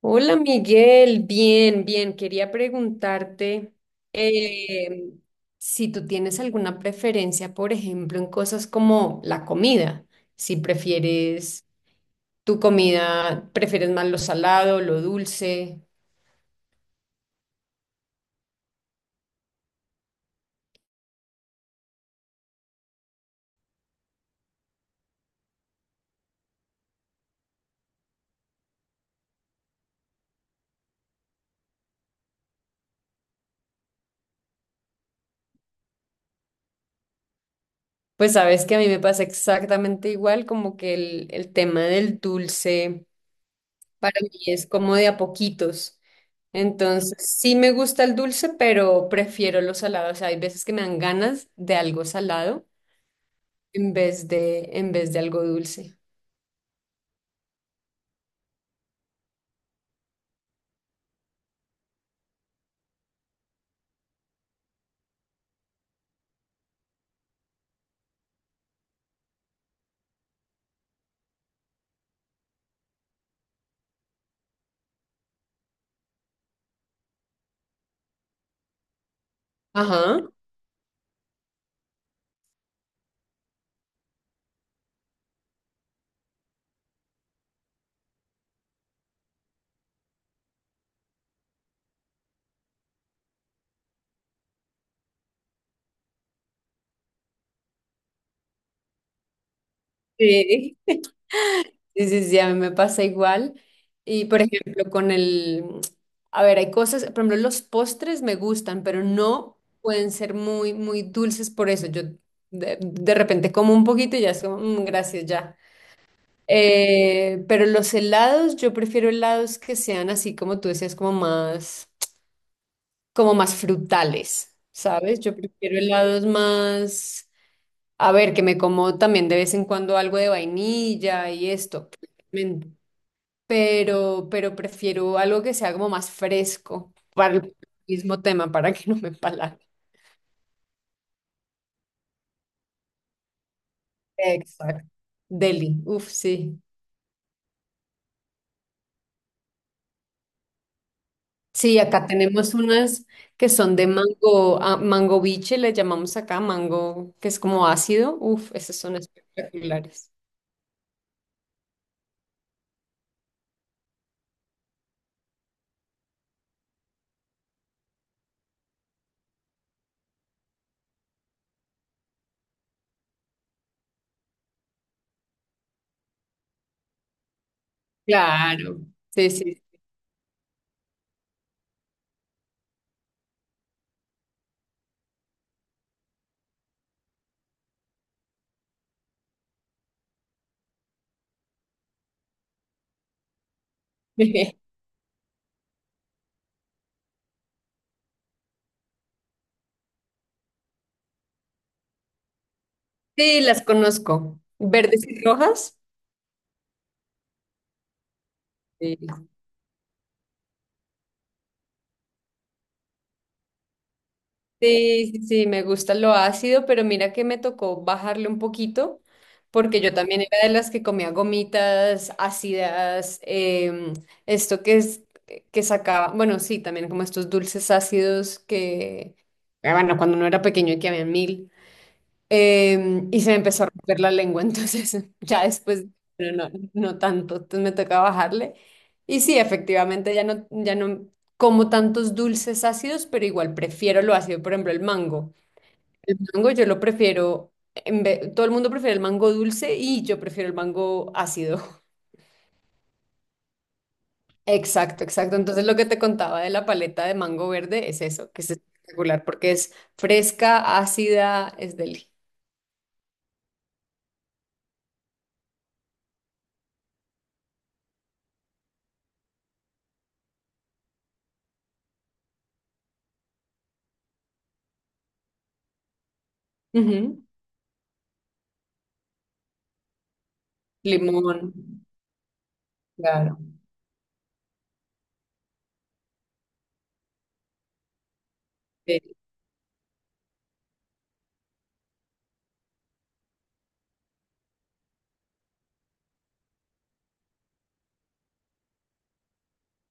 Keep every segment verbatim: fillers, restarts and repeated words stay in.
Hola Miguel, bien, bien. Quería preguntarte eh, si tú tienes alguna preferencia, por ejemplo, en cosas como la comida. Si prefieres tu comida, prefieres más lo salado, lo dulce. Pues sabes que a mí me pasa exactamente igual, como que el, el tema del dulce para mí es como de a poquitos. Entonces, sí me gusta el dulce, pero prefiero lo salado. O sea, hay veces que me dan ganas de algo salado en vez de, en vez de algo dulce. Ajá. Sí. Sí, sí, sí, a mí me pasa igual. Y por ejemplo, con el, a ver, hay cosas, por ejemplo, los postres me gustan, pero no pueden ser muy, muy dulces por eso. Yo de, de repente como un poquito y ya es como, "Mm, gracias, ya." Eh, pero los helados, yo prefiero helados que sean así como tú decías, como más, como más frutales, ¿sabes? Yo prefiero helados más. A ver, que me como también de vez en cuando algo de vainilla y esto. men- Pero, pero prefiero algo que sea como más fresco para el mismo tema, para que no me empalague. Exacto. Deli, uff, sí. Sí, acá tenemos unas que son de mango, ah, mango biche, le llamamos acá mango, que es como ácido. Uff, esas son espectaculares. Claro. Sí, sí. Sí, las conozco. ¿Verdes y rojas? Sí. Sí, sí, sí, me gusta lo ácido, pero mira que me tocó bajarle un poquito, porque yo también era de las que comía gomitas ácidas, em, esto que es que sacaba, bueno, sí, también como estos dulces ácidos que, ah, bueno, cuando uno era pequeño que había mil. Em, y se me empezó a romper la lengua, entonces ya después, no, no, no tanto, entonces me toca bajarle. Y sí, efectivamente, ya no, ya no como tantos dulces ácidos, pero igual prefiero lo ácido, por ejemplo, el mango. El mango yo lo prefiero, en ve- todo el mundo prefiere el mango dulce y yo prefiero el mango ácido. Exacto, exacto. Entonces lo que te contaba de la paleta de mango verde es eso, que es espectacular porque es fresca, ácida, es deli. Ujú. Limón, claro. eh,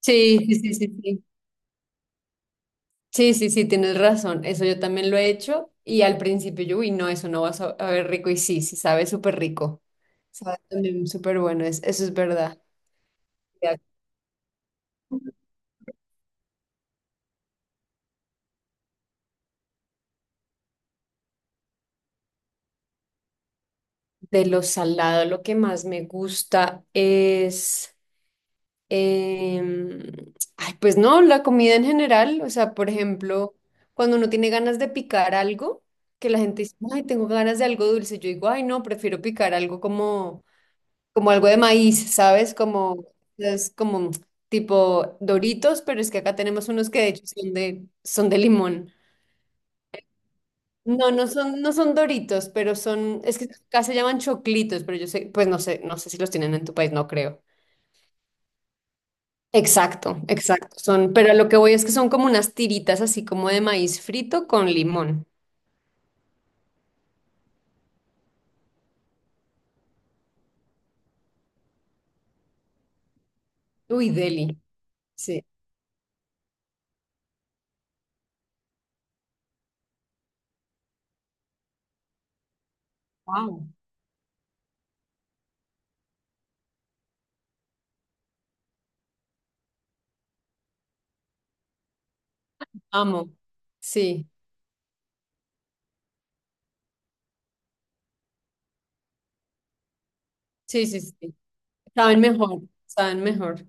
Sí, sí, sí, sí, sí. Sí, sí, sí, tienes razón. Eso yo también lo he hecho. Y al principio yo, uy, no, eso no va a saber rico. Y sí, sí, sabe súper rico. Sabe también súper bueno. Es, eso es verdad. Ya, de lo salado, lo que más me gusta es. em, Ay, pues no, la comida en general. O sea, por ejemplo, cuando uno tiene ganas de picar algo, que la gente dice, ay, tengo ganas de algo dulce. Yo digo, ay, no, prefiero picar algo como como algo de maíz, ¿sabes? Como, es como tipo Doritos, pero es que acá tenemos unos que de hecho son de, son de limón. No, no son, no son Doritos, pero son, es que acá se llaman choclitos, pero yo sé, pues no sé, no sé si los tienen en tu país, no creo. Exacto, exacto. Son, pero a lo que voy es que son como unas tiritas así como de maíz frito con limón. Uy, deli. Sí. Wow. Amo. Sí, sí, sí, sí. Saben mejor, saben mejor.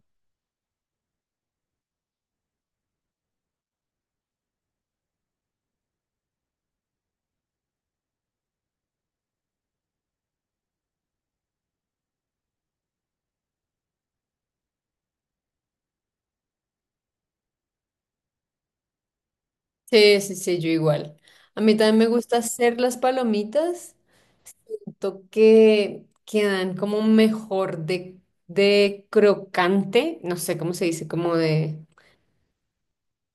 Sí, sí, sí, yo igual. A mí también me gusta hacer las palomitas. Siento que quedan como mejor de, de crocante, no sé cómo se dice, como de...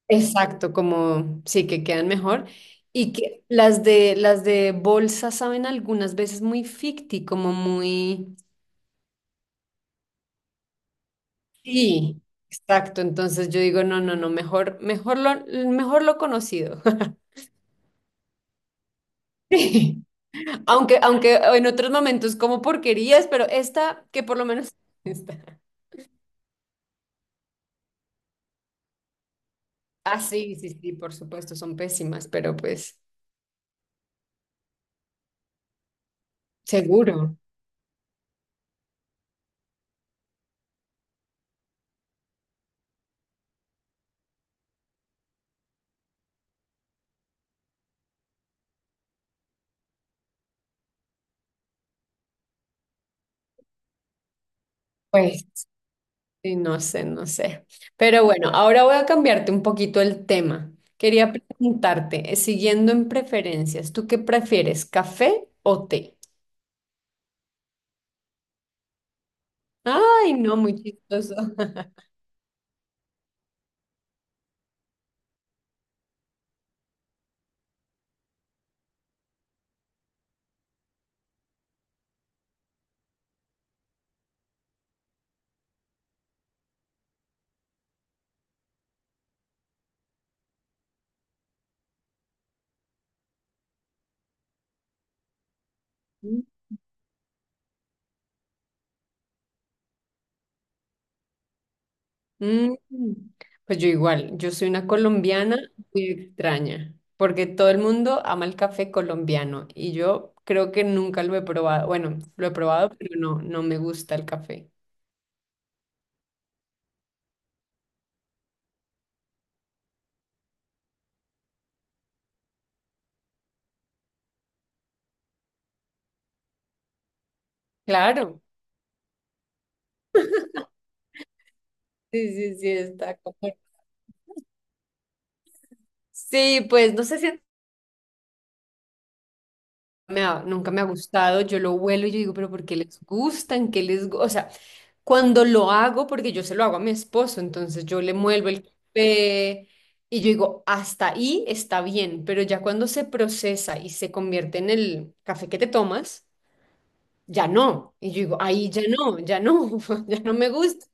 Exacto, como sí, que quedan mejor. Y que las de, las de bolsa saben algunas veces muy ficti, como muy... Sí, exacto. Entonces yo digo, no, no, no, mejor, mejor lo, mejor lo conocido. Aunque, aunque en otros momentos como porquerías, pero esta, que por lo menos esta. Ah, sí, sí, sí, por supuesto, son pésimas, pero pues seguro. Pues sí, no sé, no sé. Pero bueno, ahora voy a cambiarte un poquito el tema. Quería preguntarte, eh, siguiendo en preferencias, ¿tú qué prefieres, café o té? Ay, no, muy chistoso. Mm, pues yo igual, yo soy una colombiana muy extraña, porque todo el mundo ama el café colombiano y yo creo que nunca lo he probado. Bueno, lo he probado, pero no, no me gusta el café. Claro. Sí, sí, sí, está como- Sí, pues no sé si me ha, nunca me ha gustado, yo lo huelo y yo digo, pero ¿por qué les gustan? ¿Qué les gu-?". O sea, cuando lo hago, porque yo se lo hago a mi esposo, entonces yo le muelvo el café y yo digo, hasta ahí está bien, pero ya cuando se procesa y se convierte en el café que te tomas, ya no. Y yo digo, ahí ya no, ya no, ya no me gusta,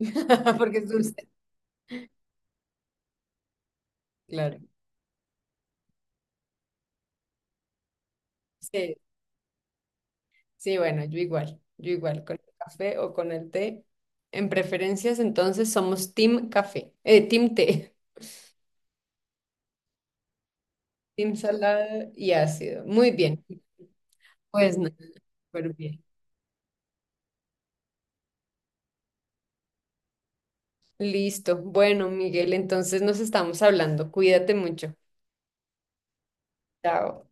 porque es dulce. Claro. Sí. Sí, bueno, yo igual, yo igual, con el café o con el té. En preferencias, entonces somos team café, eh, team té, team salada y ácido. Muy bien, pues nada, súper bien. Listo. Bueno, Miguel, entonces nos estamos hablando. Cuídate mucho. Chao.